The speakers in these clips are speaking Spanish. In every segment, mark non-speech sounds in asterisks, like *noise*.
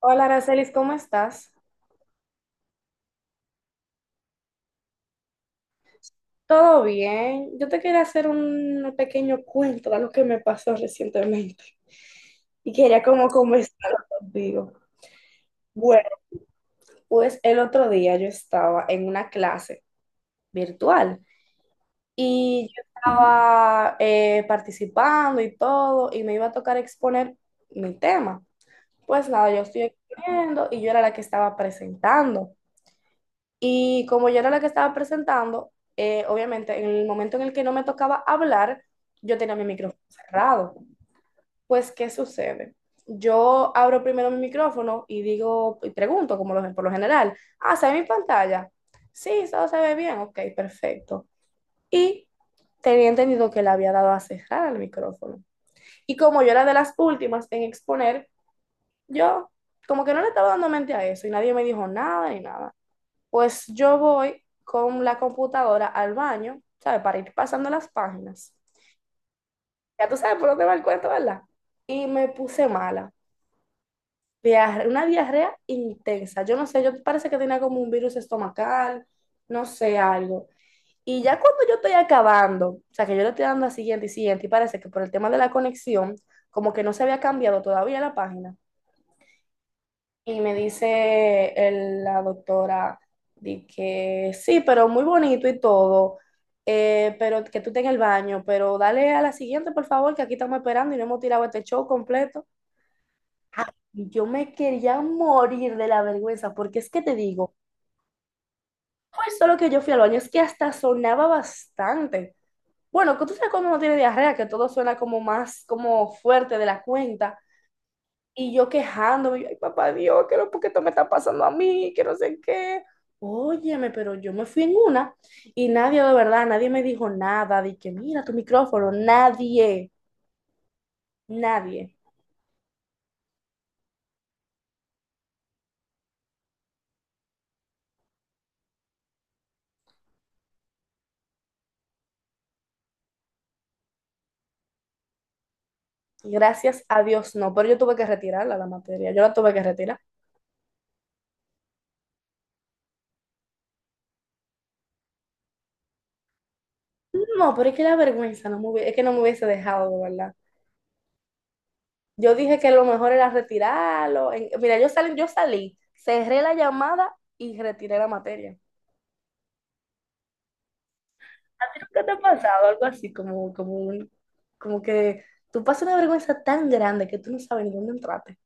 Hola, Aracelis, ¿cómo estás? ¿Todo bien? Yo te quería hacer un pequeño cuento de lo que me pasó recientemente y quería como conversarlo contigo. Bueno, pues el otro día yo estaba en una clase virtual y yo estaba participando y todo y me iba a tocar exponer mi tema. Pues nada, yo estoy exponiendo y yo era la que estaba presentando. Y como yo era la que estaba presentando, obviamente en el momento en el que no me tocaba hablar, yo tenía mi micrófono cerrado. Pues, ¿qué sucede? Yo abro primero mi micrófono y digo, y pregunto, como por lo general, ¿se ve mi pantalla? Sí, todo se ve bien, ok, perfecto. Y tenía entendido que le había dado a cerrar el micrófono. Y como yo era de las últimas en exponer, yo como que no le estaba dando mente a eso y nadie me dijo nada ni nada. Pues yo voy con la computadora al baño, ¿sabes? Para ir pasando las páginas. Ya tú sabes por dónde va el cuento, ¿verdad? Y me puse mala. Una diarrea intensa. Yo no sé, yo parece que tenía como un virus estomacal, no sé, algo. Y ya cuando yo estoy acabando, o sea, que yo le estoy dando a siguiente y siguiente, y parece que por el tema de la conexión, como que no se había cambiado todavía la página. Y me dice la doctora de que sí, pero muy bonito y todo, pero que tú estés en el baño, pero dale a la siguiente, por favor, que aquí estamos esperando y no hemos tirado este show completo. Y yo me quería morir de la vergüenza, porque es que te digo, pues solo que yo fui al baño, es que hasta sonaba bastante. Bueno, que tú sabes cuando uno tiene diarrea, que todo suena como más, como fuerte de la cuenta. Y yo quejándome, yo, ay, papá Dios, ¿qué es lo que esto me está pasando a mí? Que no sé qué. Óyeme, pero yo me fui en una y nadie, de verdad, nadie me dijo nada de que mira tu micrófono, nadie, nadie. Gracias a Dios, no, pero yo tuve que retirarla la materia, yo la tuve que retirar. No, pero es que la vergüenza no me es que no me hubiese dejado, de verdad. Yo dije que lo mejor era retirarlo. Mira, yo salí, cerré la llamada y retiré la materia. ¿Qué te ha pasado? Algo así, como que tú pasas una vergüenza tan grande que tú no sabes ni dónde entraste.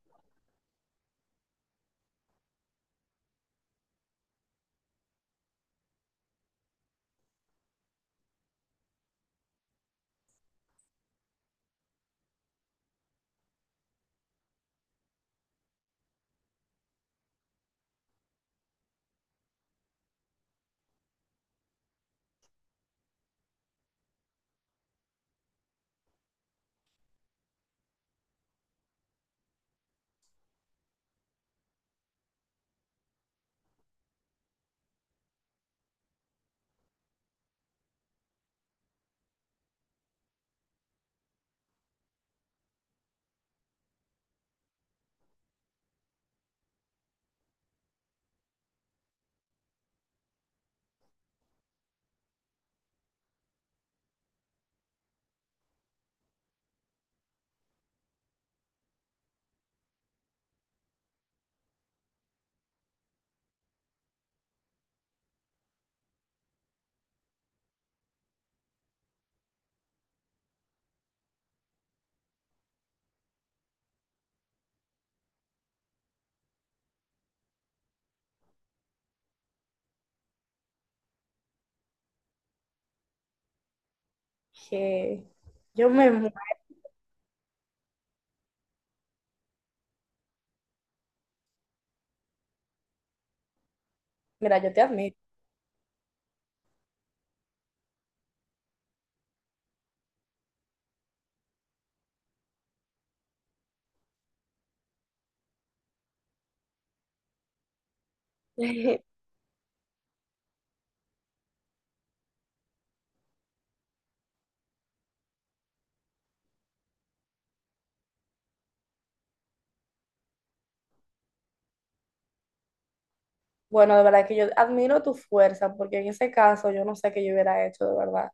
Que yo me... mu- Mira, yo te admiro. *laughs* Bueno, de verdad que yo admiro tu fuerza, porque en ese caso yo no sé qué yo hubiera hecho, de verdad.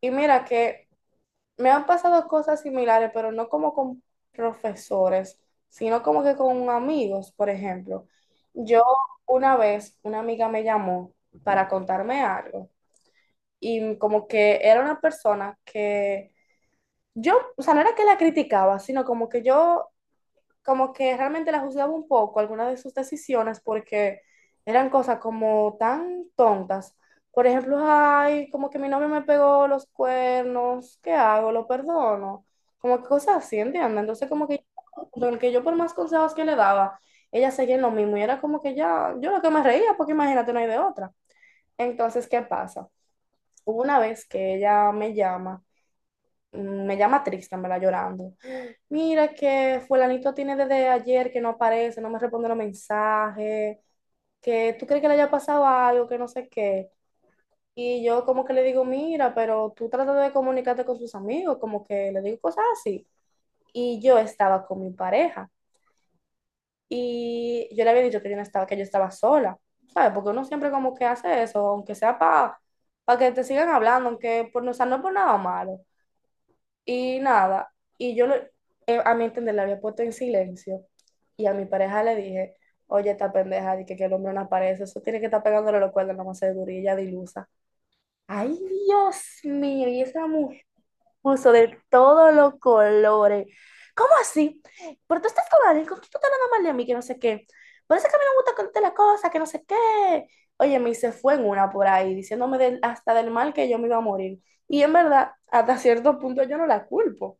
Y mira que me han pasado cosas similares, pero no como con profesores, sino como que con amigos, por ejemplo. Yo una vez, una amiga me llamó para contarme algo, y como que era una persona que yo, o sea, no era que la criticaba, sino como que yo, como que realmente la juzgaba un poco algunas de sus decisiones porque eran cosas como tan tontas. Por ejemplo, ay, como que mi novio me pegó los cuernos, ¿qué hago? ¿Lo perdono? Como que cosas así, ¿entiendes? Entonces, como que yo, el que yo por más consejos que le daba, ella seguía en lo mismo y era como que ya, yo lo que me reía, porque imagínate, no hay de otra. Entonces, ¿qué pasa? Hubo una vez que ella me llama, me llama triste, me la llorando. Mira que fulanito tiene desde ayer que no aparece, no me responde los mensajes, que tú crees que le haya pasado algo, que no sé qué. Y yo como que le digo, mira, pero tú tratas de comunicarte con sus amigos, como que le digo cosas así. Y yo estaba con mi pareja y yo le había dicho que yo no estaba, que yo estaba sola, ¿sabes? Porque uno siempre como que hace eso, aunque sea para que te sigan hablando, aunque por, o sea, no es por nada malo. Y nada, y a mi entender la había puesto en silencio y a mi pareja le dije, oye, esta pendeja, que el hombre no aparece, eso tiene que estar pegándole los cuernos, no más seguro, y ella dilusa. Ay, Dios mío, y esa mujer puso de todos los colores. ¿Cómo así? Pero tú estás con alguien, ¿cómo tú estás hablando mal de mí, que no sé qué. Por eso es que a mí no me gusta contarte las cosas, que no sé qué. Oye, me se fue en una por ahí, diciéndome hasta del mal que yo me iba a morir. Y en verdad, hasta cierto punto yo no la culpo.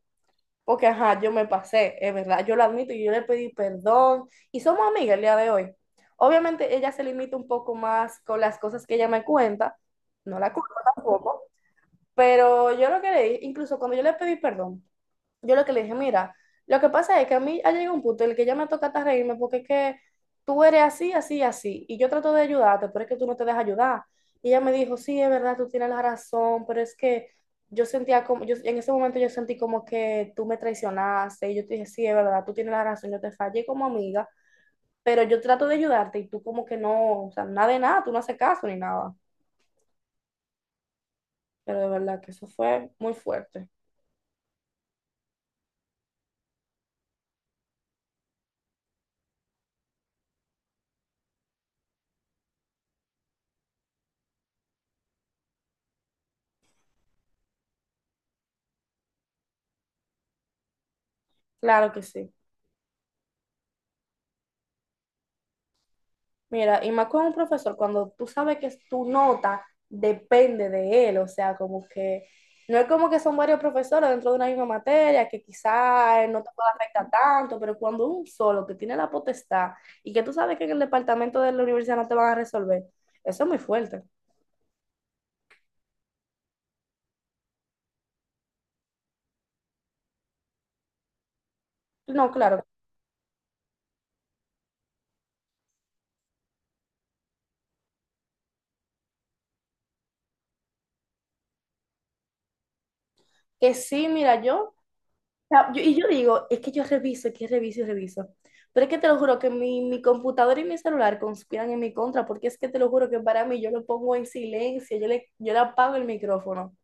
Porque, ajá, yo me pasé, es verdad, yo lo admito y yo le pedí perdón y somos amigas el día de hoy. Obviamente ella se limita un poco más con las cosas que ella me cuenta, no la culpo tampoco, pero yo lo que le leí, incluso cuando yo le pedí perdón, yo lo que le dije, mira, lo que pasa es que a mí ha llegado un punto en el que ya me toca hasta reírme porque es que tú eres así, así, así. Y yo trato de ayudarte, pero es que tú no te dejas ayudar. Y ella me dijo, sí, es verdad, tú tienes la razón, pero es que yo sentía como, yo, en ese momento yo sentí como que tú me traicionaste. Y yo te dije, sí, es verdad, tú tienes la razón, yo te fallé como amiga, pero yo trato de ayudarte y tú como que no, o sea, nada de nada, tú no haces caso ni nada. Pero de verdad que eso fue muy fuerte. Claro que sí. Mira, y más con un profesor, cuando tú sabes que tu nota depende de él, o sea, como que no es como que son varios profesores dentro de una misma materia, que quizás no te pueda afectar tanto, pero cuando un solo que tiene la potestad y que tú sabes que en el departamento de la universidad no te van a resolver, eso es muy fuerte. No, claro, que sí, mira, y yo digo, es que yo reviso, es que reviso y reviso. Pero es que te lo juro que mi computadora y mi celular conspiran en mi contra, porque es que te lo juro que para mí yo lo pongo en silencio, yo le apago el micrófono.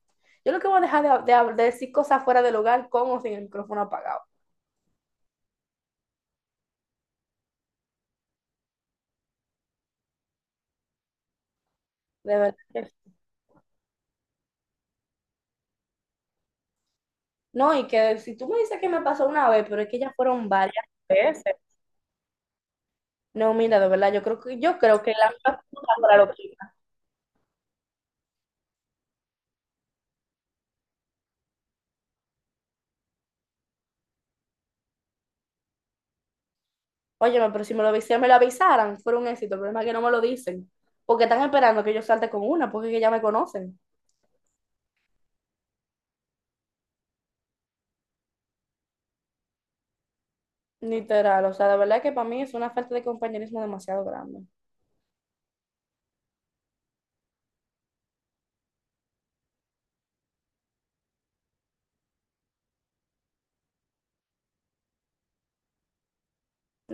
Yo lo que voy a dejar de decir cosas fuera del hogar con o sin el micrófono apagado. De verdad que sí. No, y que si tú me dices que me pasó una vez, pero es que ya fueron varias veces. No, mira, de verdad, yo creo que la computadora lo que... Óyeme, pero si me avisaran, me lo avisaran, fuera un éxito. El problema es que no me lo dicen. Porque están esperando que yo salte con una, porque es que ya me conocen. Literal, o sea, de verdad que para mí es una falta de compañerismo demasiado grande.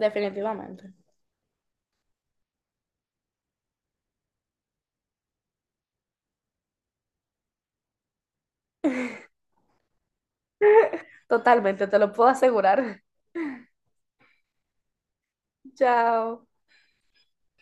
Definitivamente. Totalmente, te lo puedo asegurar. *laughs* Chao.